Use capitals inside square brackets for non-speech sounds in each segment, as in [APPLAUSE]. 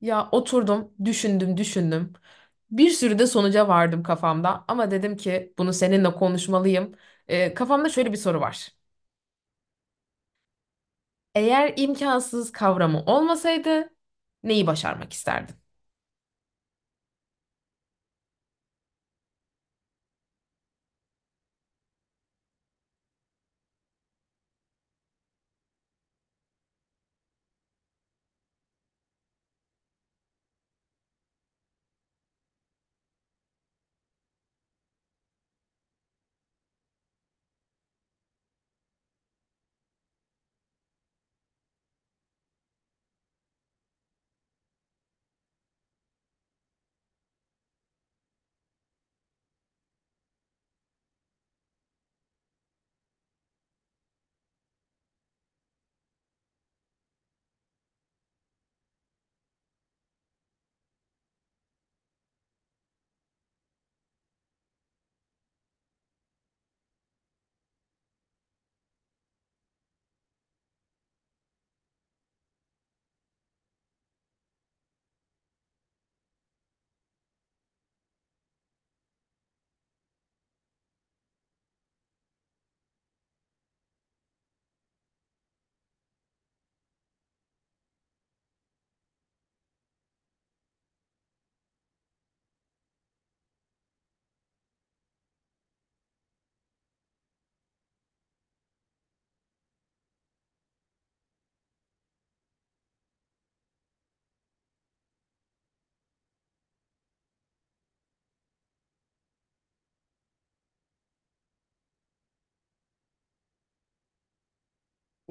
Ya oturdum, düşündüm, düşündüm. Bir sürü de sonuca vardım kafamda ama dedim ki bunu seninle konuşmalıyım. Kafamda şöyle bir soru var. Eğer imkansız kavramı olmasaydı neyi başarmak isterdin?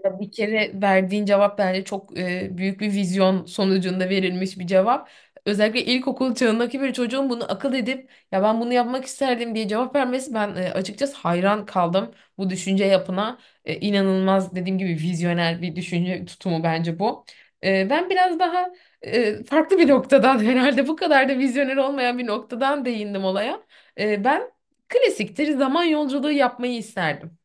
Ya bir kere verdiğin cevap bence çok büyük bir vizyon sonucunda verilmiş bir cevap. Özellikle ilkokul çağındaki bir çocuğun bunu akıl edip ya ben bunu yapmak isterdim diye cevap vermesi ben açıkçası hayran kaldım bu düşünce yapına. İnanılmaz dediğim gibi vizyoner bir düşünce tutumu bence bu. Ben biraz daha farklı bir noktadan [LAUGHS] herhalde bu kadar da vizyoner olmayan bir noktadan değindim olaya. Ben klasiktir zaman yolculuğu yapmayı isterdim.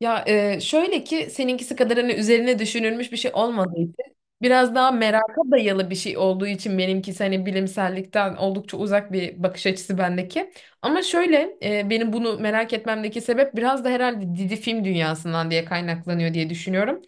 Ya şöyle ki seninkisi kadar hani üzerine düşünülmüş bir şey olmadığı için biraz daha meraka dayalı bir şey olduğu için benimkisi hani bilimsellikten oldukça uzak bir bakış açısı bendeki. Ama şöyle benim bunu merak etmemdeki sebep biraz da herhalde dizi film dünyasından diye kaynaklanıyor diye düşünüyorum.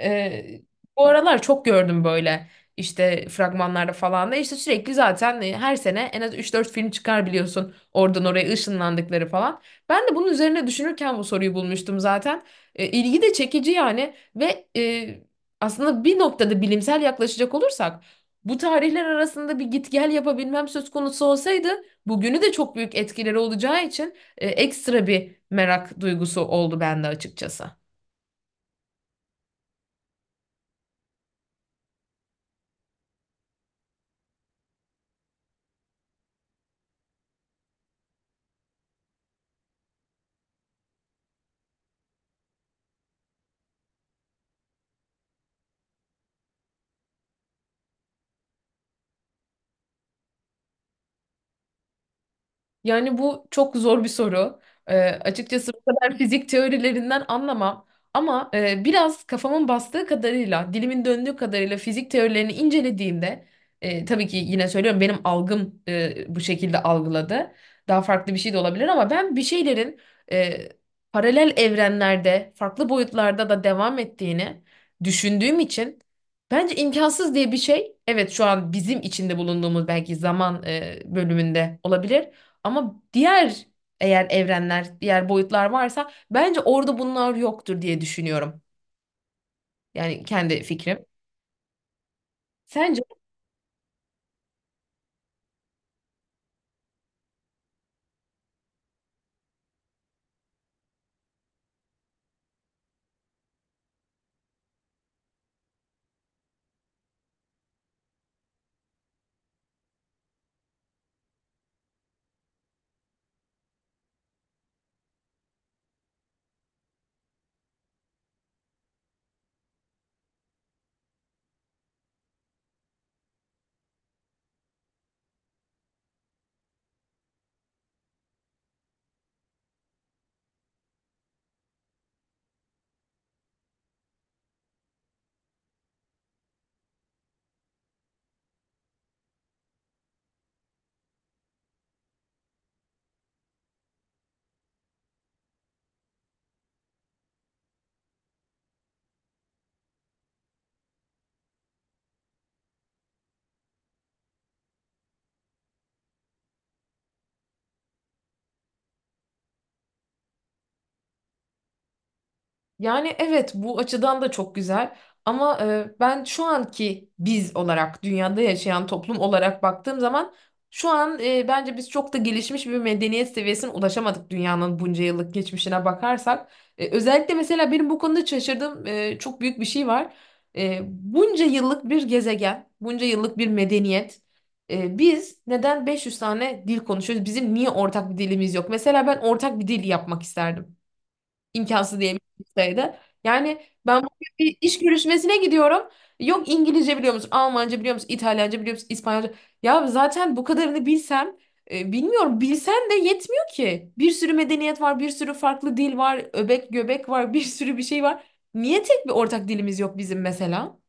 E, Bu aralar çok gördüm böyle işte fragmanlarda falan da işte sürekli zaten her sene en az üç dört film çıkar biliyorsun oradan oraya ışınlandıkları falan. Ben de bunun üzerine düşünürken bu soruyu bulmuştum zaten. İlgi de çekici yani ve aslında bir noktada bilimsel yaklaşacak olursak bu tarihler arasında bir git gel yapabilmem söz konusu olsaydı bugünü de çok büyük etkileri olacağı için ekstra bir merak duygusu oldu bende açıkçası. Yani bu çok zor bir soru. Açıkçası bu kadar [LAUGHS] fizik teorilerinden anlamam. Ama biraz kafamın bastığı kadarıyla, dilimin döndüğü kadarıyla fizik teorilerini incelediğimde, tabii ki yine söylüyorum benim algım bu şekilde algıladı. Daha farklı bir şey de olabilir ama ben bir şeylerin e, paralel evrenlerde, farklı boyutlarda da devam ettiğini düşündüğüm için bence imkansız diye bir şey, evet şu an bizim içinde bulunduğumuz belki zaman bölümünde olabilir. Ama diğer eğer evrenler, diğer boyutlar varsa bence orada bunlar yoktur diye düşünüyorum. Yani kendi fikrim. Sence? Yani evet bu açıdan da çok güzel ama ben şu anki biz olarak dünyada yaşayan toplum olarak baktığım zaman şu an bence biz çok da gelişmiş bir medeniyet seviyesine ulaşamadık dünyanın bunca yıllık geçmişine bakarsak. Özellikle mesela benim bu konuda şaşırdığım çok büyük bir şey var. Bunca yıllık bir gezegen, bunca yıllık bir medeniyet. Biz neden 500 tane dil konuşuyoruz? Bizim niye ortak bir dilimiz yok? Mesela ben ortak bir dil yapmak isterdim imkansız diye bir şeydi. Yani ben bugün bir iş görüşmesine gidiyorum. Yok, İngilizce biliyor musun? Almanca biliyor musun? İtalyanca biliyor musun? İspanyolca. Ya zaten bu kadarını bilsem bilmiyorum bilsen de yetmiyor ki. Bir sürü medeniyet var, bir sürü farklı dil var, öbek göbek var, [LAUGHS] bir sürü bir şey var. Niye tek bir ortak dilimiz yok bizim mesela?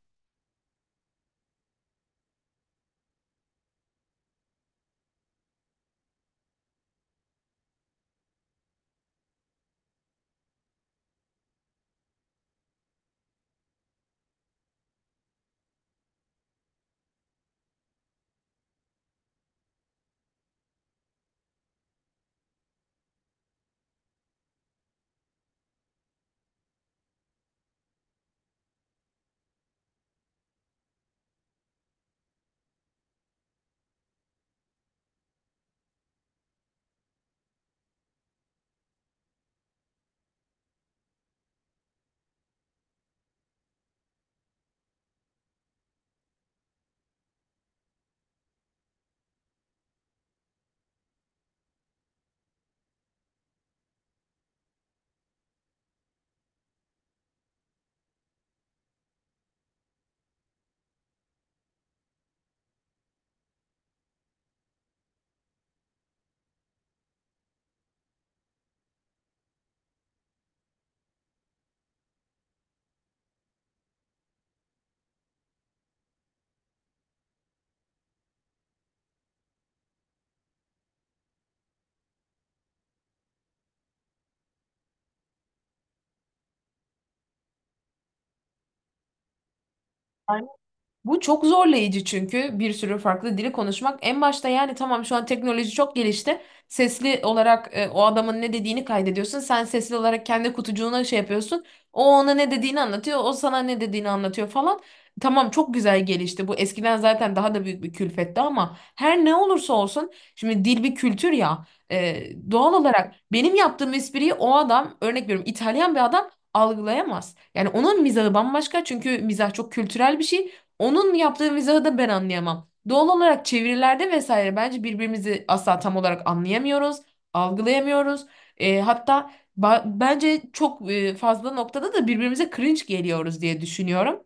Bu çok zorlayıcı çünkü bir sürü farklı dili konuşmak. En başta yani tamam şu an teknoloji çok gelişti. Sesli olarak o adamın ne dediğini kaydediyorsun. Sen sesli olarak kendi kutucuğuna şey yapıyorsun. O ona ne dediğini anlatıyor. O sana ne dediğini anlatıyor falan. Tamam, çok güzel gelişti. Bu eskiden zaten daha da büyük bir külfetti ama her ne olursa olsun şimdi dil bir kültür ya. Doğal olarak benim yaptığım espriyi o adam, örnek veriyorum, İtalyan bir adam algılayamaz. Yani onun mizahı bambaşka çünkü mizah çok kültürel bir şey. Onun yaptığı mizahı da ben anlayamam. Doğal olarak çevirilerde vesaire bence birbirimizi asla tam olarak anlayamıyoruz, algılayamıyoruz. E, hatta Bence çok fazla noktada da birbirimize cringe geliyoruz diye düşünüyorum.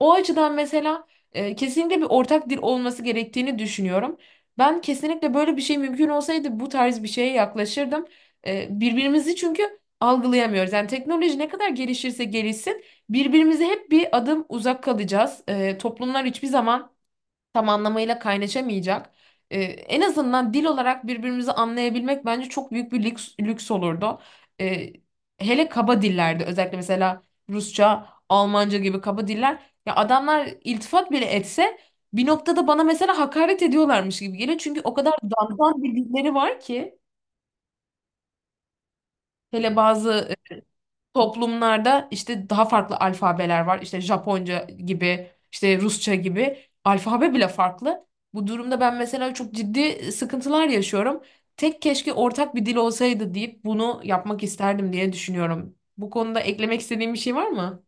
O açıdan mesela kesinlikle bir ortak dil olması gerektiğini düşünüyorum. Ben kesinlikle böyle bir şey mümkün olsaydı bu tarz bir şeye yaklaşırdım. Birbirimizi çünkü algılayamıyoruz. Yani teknoloji ne kadar gelişirse gelişsin birbirimize hep bir adım uzak kalacağız. Toplumlar hiçbir zaman tam anlamıyla kaynaşamayacak. En azından dil olarak birbirimizi anlayabilmek bence çok büyük bir lüks olurdu. Ee, Hele kaba dillerde özellikle mesela Rusça, Almanca gibi kaba diller. Ya adamlar iltifat bile etse bir noktada bana mesela hakaret ediyorlarmış gibi geliyor. Çünkü o kadar dandan bir dilleri var ki hele bazı toplumlarda işte daha farklı alfabeler var. İşte Japonca gibi, işte Rusça gibi. Alfabe bile farklı. Bu durumda ben mesela çok ciddi sıkıntılar yaşıyorum. Tek keşke ortak bir dil olsaydı deyip bunu yapmak isterdim diye düşünüyorum. Bu konuda eklemek istediğin bir şey var mı?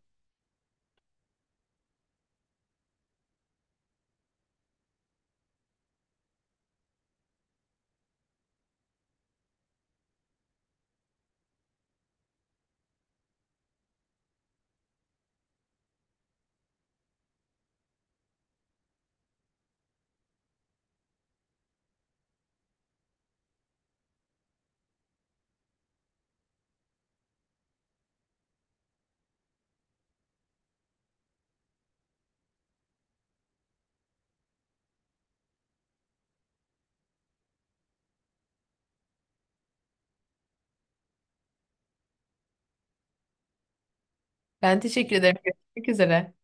Ben teşekkür ederim. Görüşmek üzere.